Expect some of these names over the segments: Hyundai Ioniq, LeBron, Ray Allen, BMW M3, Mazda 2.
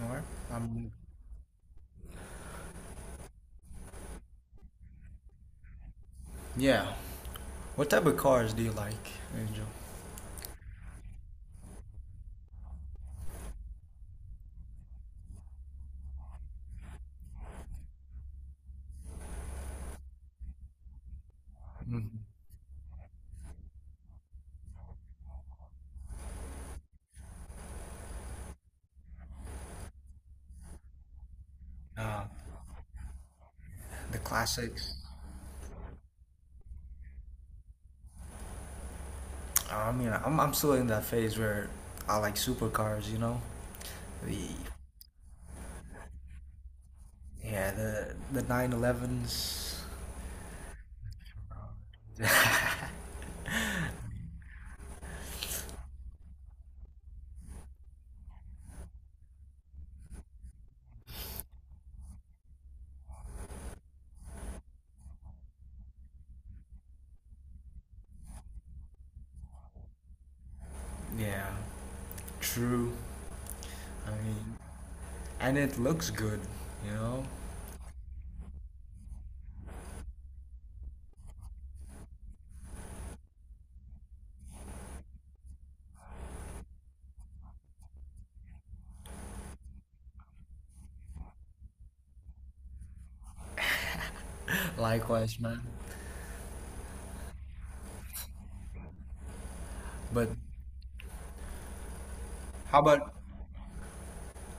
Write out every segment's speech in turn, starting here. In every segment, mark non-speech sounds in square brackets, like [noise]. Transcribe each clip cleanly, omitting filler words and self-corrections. All right. Um, yeah. What type of cars do you like, Angel? Mhm. Uh, the classics. I mean, I'm still in that phase where I like supercars. You know, the the 911s. Yeah, true. I mean, and it looks good. You know. Likewise, man. But how about?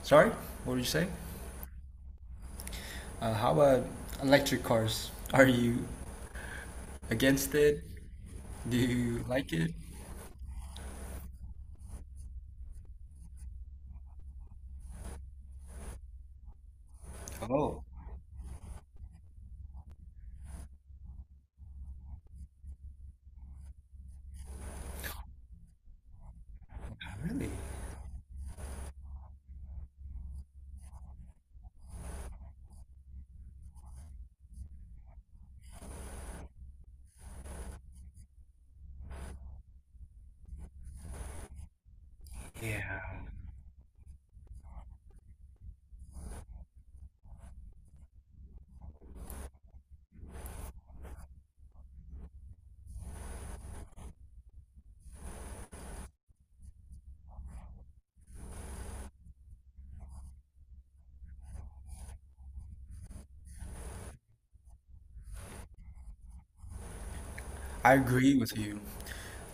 Sorry, what did you say? How about electric cars? Are you against it? Do you like it? Oh. Really? Yeah. I agree with you.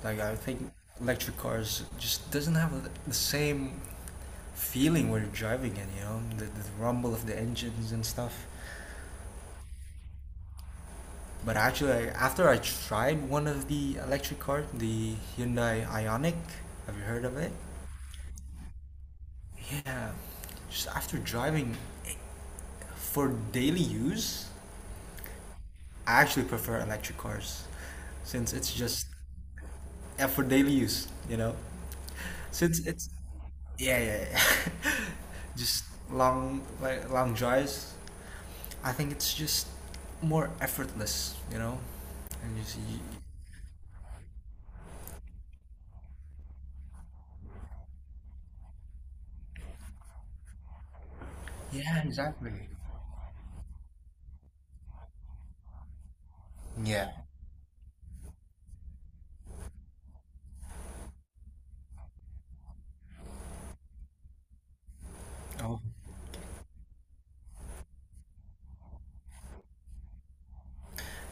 Like I think electric cars just doesn't have the same feeling when you're driving it, you know, the rumble of the engines and stuff. But actually, I, after I tried one of the electric cars, the Hyundai Ioniq. Have you heard of it? Yeah, just after driving it for daily use, I actually prefer electric cars since it's just yeah, for daily use, you know. Since it's yeah, yeah, yeah, [laughs] just long like long drives. I think it's just more effortless, you know. And you see, yeah, exactly. Yeah. Oh.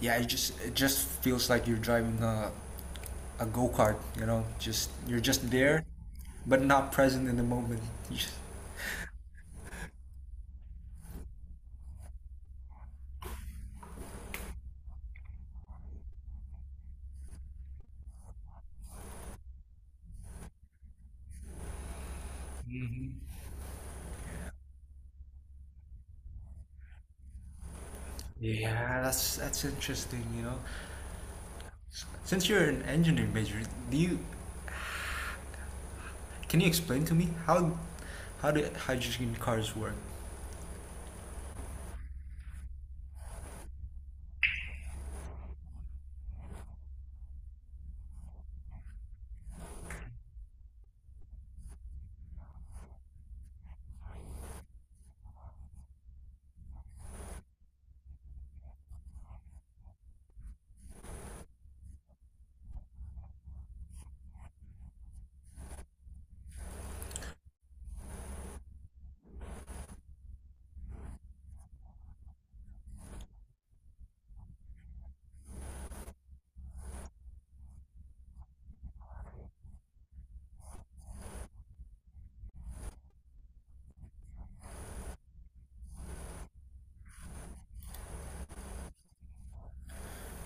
Yeah, it just feels like you're driving a go-kart, you know. Just you're just there, but not present in the moment. [laughs] You just- Yeah, that's interesting, you know. Since you're an engineering major, do you, can you explain to me how do hydrogen cars work?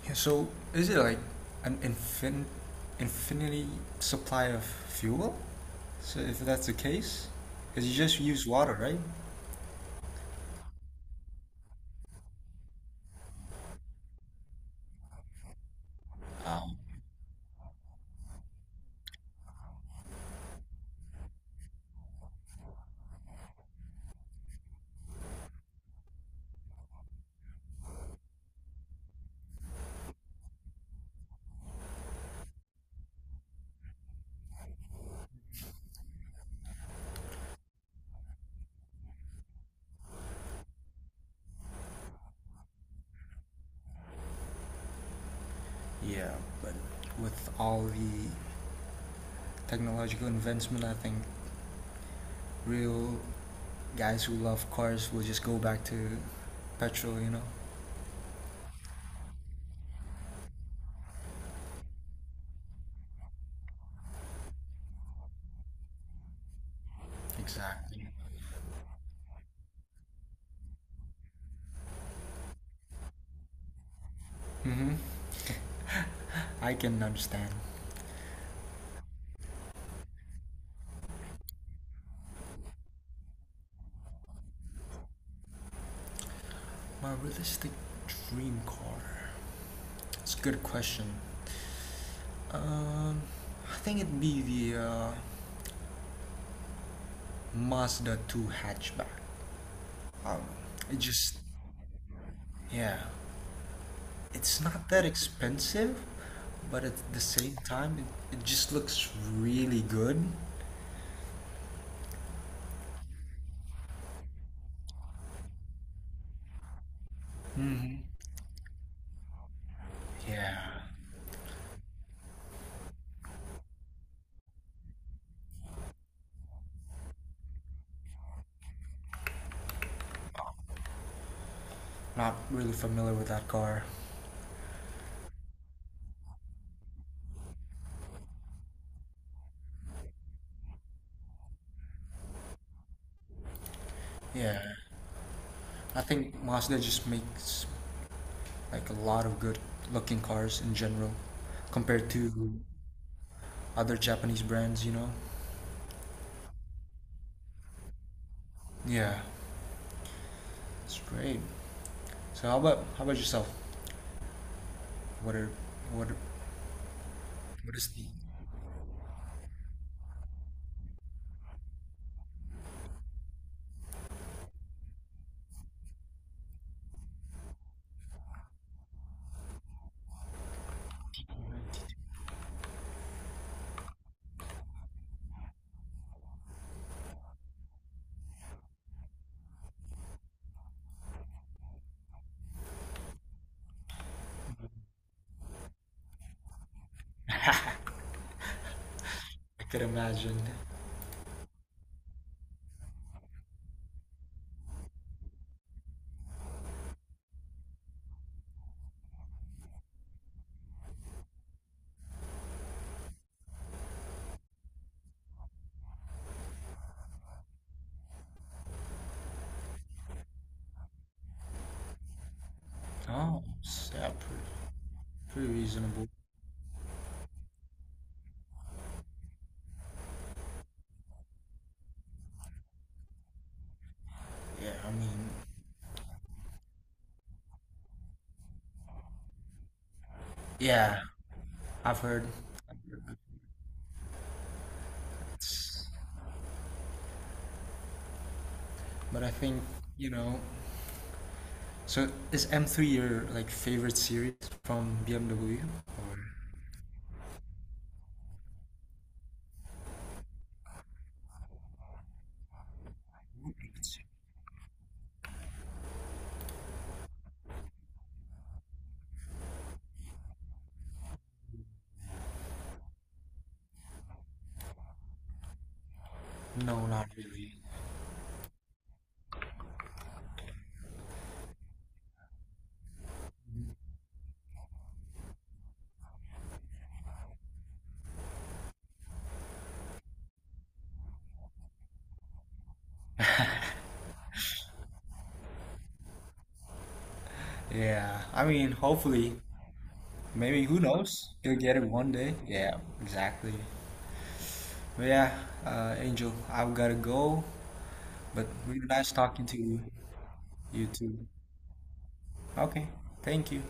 Yeah. So is it like an infinity supply of fuel? So if that's the case, because you just use water, right? Yeah, but with all the technological advancement, I think real guys who love cars will just go back to petrol. You know, exactly. I can understand. My realistic dream car. It's a good question. Um, I think it'd be the Mazda 2 hatchback. Um, it just, yeah, it's not that expensive, but at the same time, it just looks really good. Hmm. Yeah, not really familiar with that car. Yeah, I think Mazda just makes like a lot of good looking cars in general compared to other Japanese brands, you know? Yeah, it's great. So how about yourself? What are what are- what is the I could imagine. Oh, s- yeah, pretty reasonable. Yeah, I mean, yeah, I've heard, but I think you know. So is M3 your like favorite series from BMW? Or no, not really. Yeah, I mean, hopefully, maybe who knows? You'll get it one day. Yeah, exactly. But yeah, Angel, I've gotta go. But really nice talking to you. You too. Okay. Thank you.